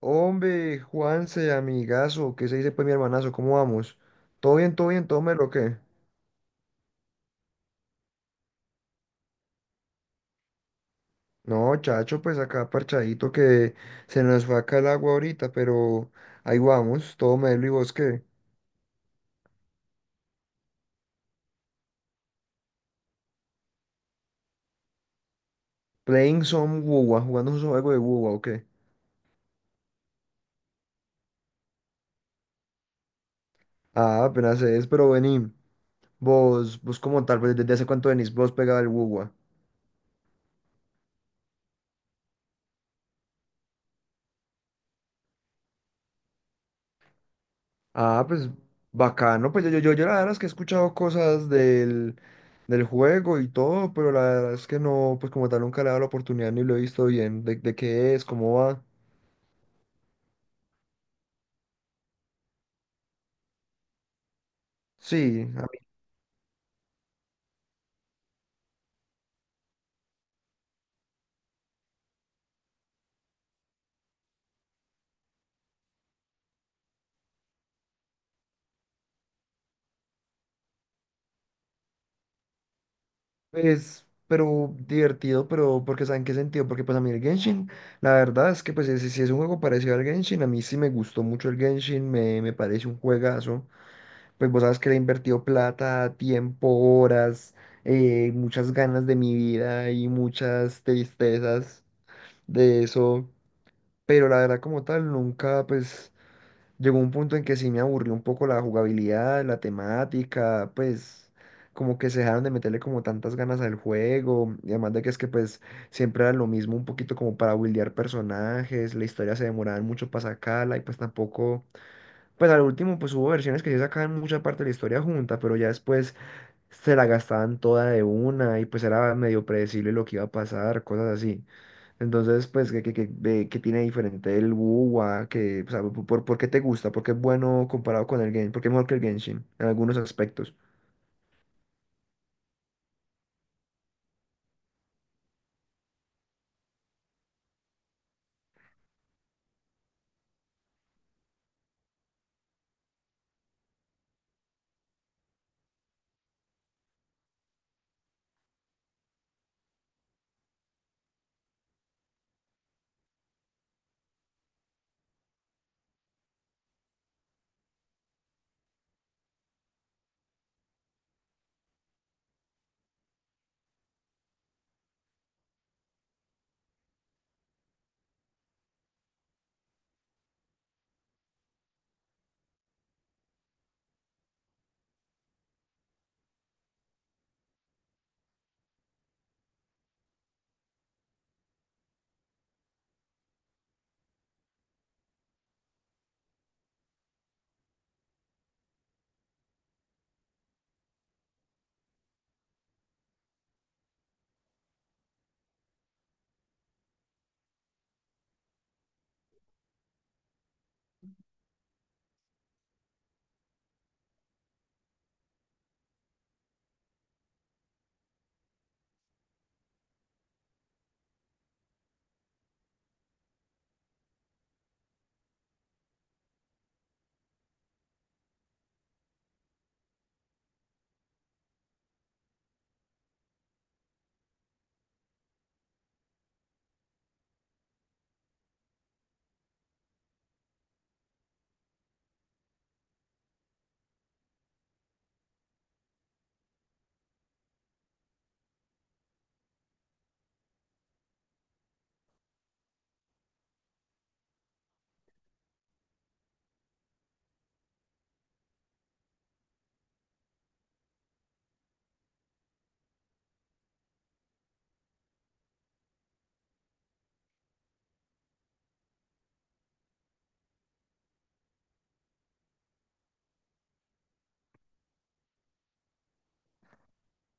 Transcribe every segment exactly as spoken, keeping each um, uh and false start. Hombre, Juanse, amigazo, ¿qué se dice pues mi hermanazo? ¿Cómo vamos? ¿Todo bien, todo bien, todo lo que? No, chacho, pues acá parchadito que se nos fue acá el agua ahorita, pero ahí vamos, todo melo y vos qué. Playing some WUWA, jugando un juego de WUWA, ¿o qué? Ah, apenas es, pero vení, vos, vos como tal, pues desde hace cuánto venís vos pegado al WUWA. Ah, pues bacano, pues yo, yo, yo, yo la verdad es que he escuchado cosas del, del juego y todo, pero la verdad es que no, pues como tal nunca le he dado la oportunidad ni lo he visto bien, de, de qué es, cómo va. Sí, a mí es, pero divertido, pero porque ¿saben qué sentido? Porque pues a mí el Genshin, la verdad es que pues si, si si es un juego parecido al Genshin, a mí sí me gustó mucho el Genshin, me, me parece un juegazo. Pues vos sabes que le he invertido plata, tiempo, horas, eh, muchas ganas de mi vida y muchas tristezas de eso. Pero la verdad como tal, nunca pues llegó un punto en que sí me aburrió un poco la jugabilidad, la temática, pues como que se dejaron de meterle como tantas ganas al juego. Y además de que es que pues siempre era lo mismo, un poquito como para buildear personajes, la historia se demoraba mucho para sacarla y pues tampoco pues al último, pues hubo versiones que sí sacaban mucha parte de la historia junta, pero ya después se la gastaban toda de una y pues era medio predecible lo que iba a pasar, cosas así. Entonces, pues, ¿qué, qué, qué, de- qué tiene diferente el WoW? Que, o sea, por, por- ¿por qué te gusta? ¿Por qué es bueno comparado con el Genshin? ¿Por qué es mejor que el Genshin en algunos aspectos?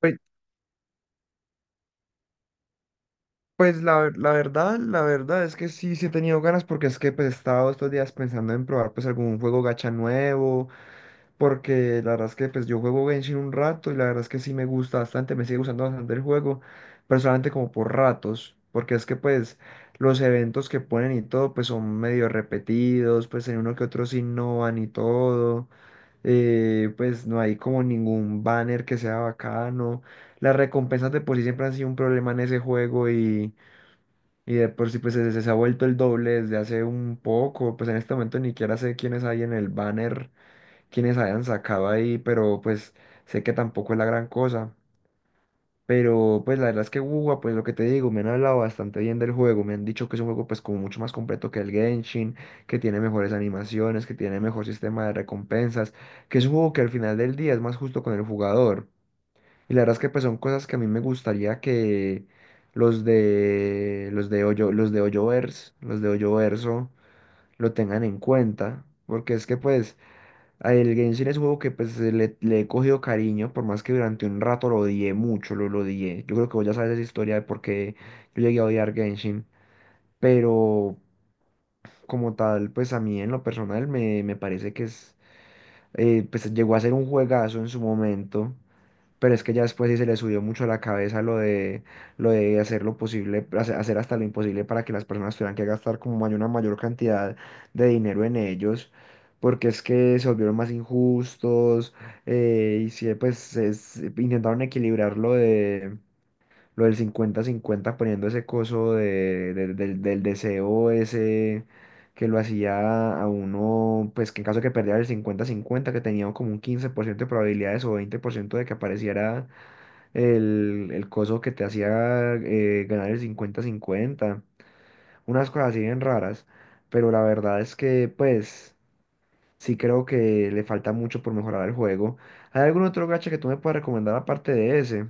Pues, pues la, ver- la verdad, la verdad es que sí, sí he tenido ganas porque es que pues he estado estos días pensando en probar pues algún juego gacha nuevo. Porque la verdad es que pues yo juego Genshin un rato y la verdad es que sí me gusta bastante, me sigue gustando bastante el juego, pero solamente como por ratos, porque es que pues los eventos que ponen y todo pues son medio repetidos, pues en uno que otro sí no van y todo, eh, pues no hay como ningún banner que sea bacano, las recompensas de por sí siempre han sido un problema en ese juego y, y de por sí pues se, se ha vuelto el doble desde hace un poco, pues en este momento ni siquiera sé quiénes hay en el banner quienes hayan sacado ahí, pero pues sé que tampoco es la gran cosa. Pero pues la verdad es que Wuwa, pues lo que te digo, me han hablado bastante bien del juego, me han dicho que es un juego pues como mucho más completo que el Genshin, que tiene mejores animaciones, que tiene mejor sistema de recompensas, que es un juego que al final del día es más justo con el jugador. Y la verdad es que pues son cosas que a mí me gustaría que los de los de Hoyo, los de Hoyoverse, los de Hoyoverso lo tengan en cuenta, porque es que pues ah, el Genshin es un juego que pues le, le he cogido cariño, por más que durante un rato lo odié mucho, lo, lo odié. Yo creo que vos ya sabes esa historia de por qué yo llegué a odiar Genshin, pero como tal, pues a mí en lo personal me, me parece que es, eh, pues llegó a ser un juegazo en su momento. Pero es que ya después sí se le subió mucho a la cabeza lo de, lo de hacer lo posible, hace- hacer hasta lo imposible para que las personas tuvieran que gastar como may- una mayor cantidad de dinero en ellos, porque es que se volvieron más injustos, eh, y sí, pues es- intentaron equilibrar lo de, lo del cincuenta-cincuenta poniendo ese coso de, de- del, del deseo ese que lo hacía a uno, pues que en caso de que perdiera el cincuenta-cincuenta que tenía como un quince por ciento de probabilidades o veinte por ciento de que apareciera el, el coso que te hacía eh, ganar el cincuenta-cincuenta, unas cosas así bien raras, pero la verdad es que pues sí creo que le falta mucho por mejorar el juego. ¿Hay algún otro gacha que tú me puedas recomendar aparte de ese?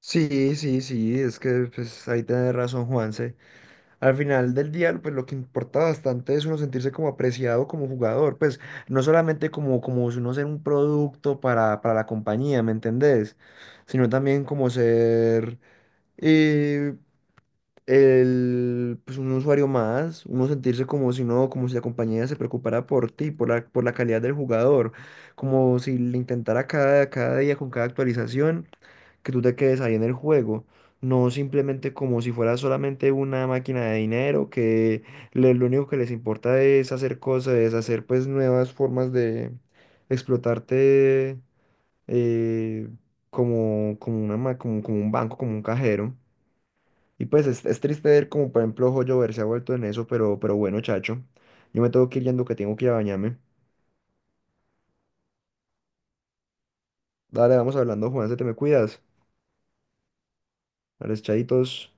Sí, sí, sí, es que pues ahí tenés razón, Juanse. Al final del día, pues lo que importa bastante es uno sentirse como apreciado como jugador, pues no solamente como, como si uno ser un producto para, para la compañía, ¿me entendés? Sino también como ser eh, el, pues un usuario más, uno sentirse como si no, como si la compañía se preocupara por ti, por la, por la calidad del jugador, como si le intentara cada, cada día con cada actualización que tú te quedes ahí en el juego. No simplemente como si fuera solamente una máquina de dinero que le- lo único que les importa es hacer cosas, es hacer pues nuevas formas de explotarte eh, como, como, una, ma- como, como un banco, como un cajero. Y pues es, es triste ver como por ejemplo Joyo Ver se ha vuelto en eso, pero, pero bueno, chacho. Yo me tengo que ir yendo que tengo que ir a bañarme. Dale, vamos hablando, Juan, se te me cuidas. Dale, chaditos.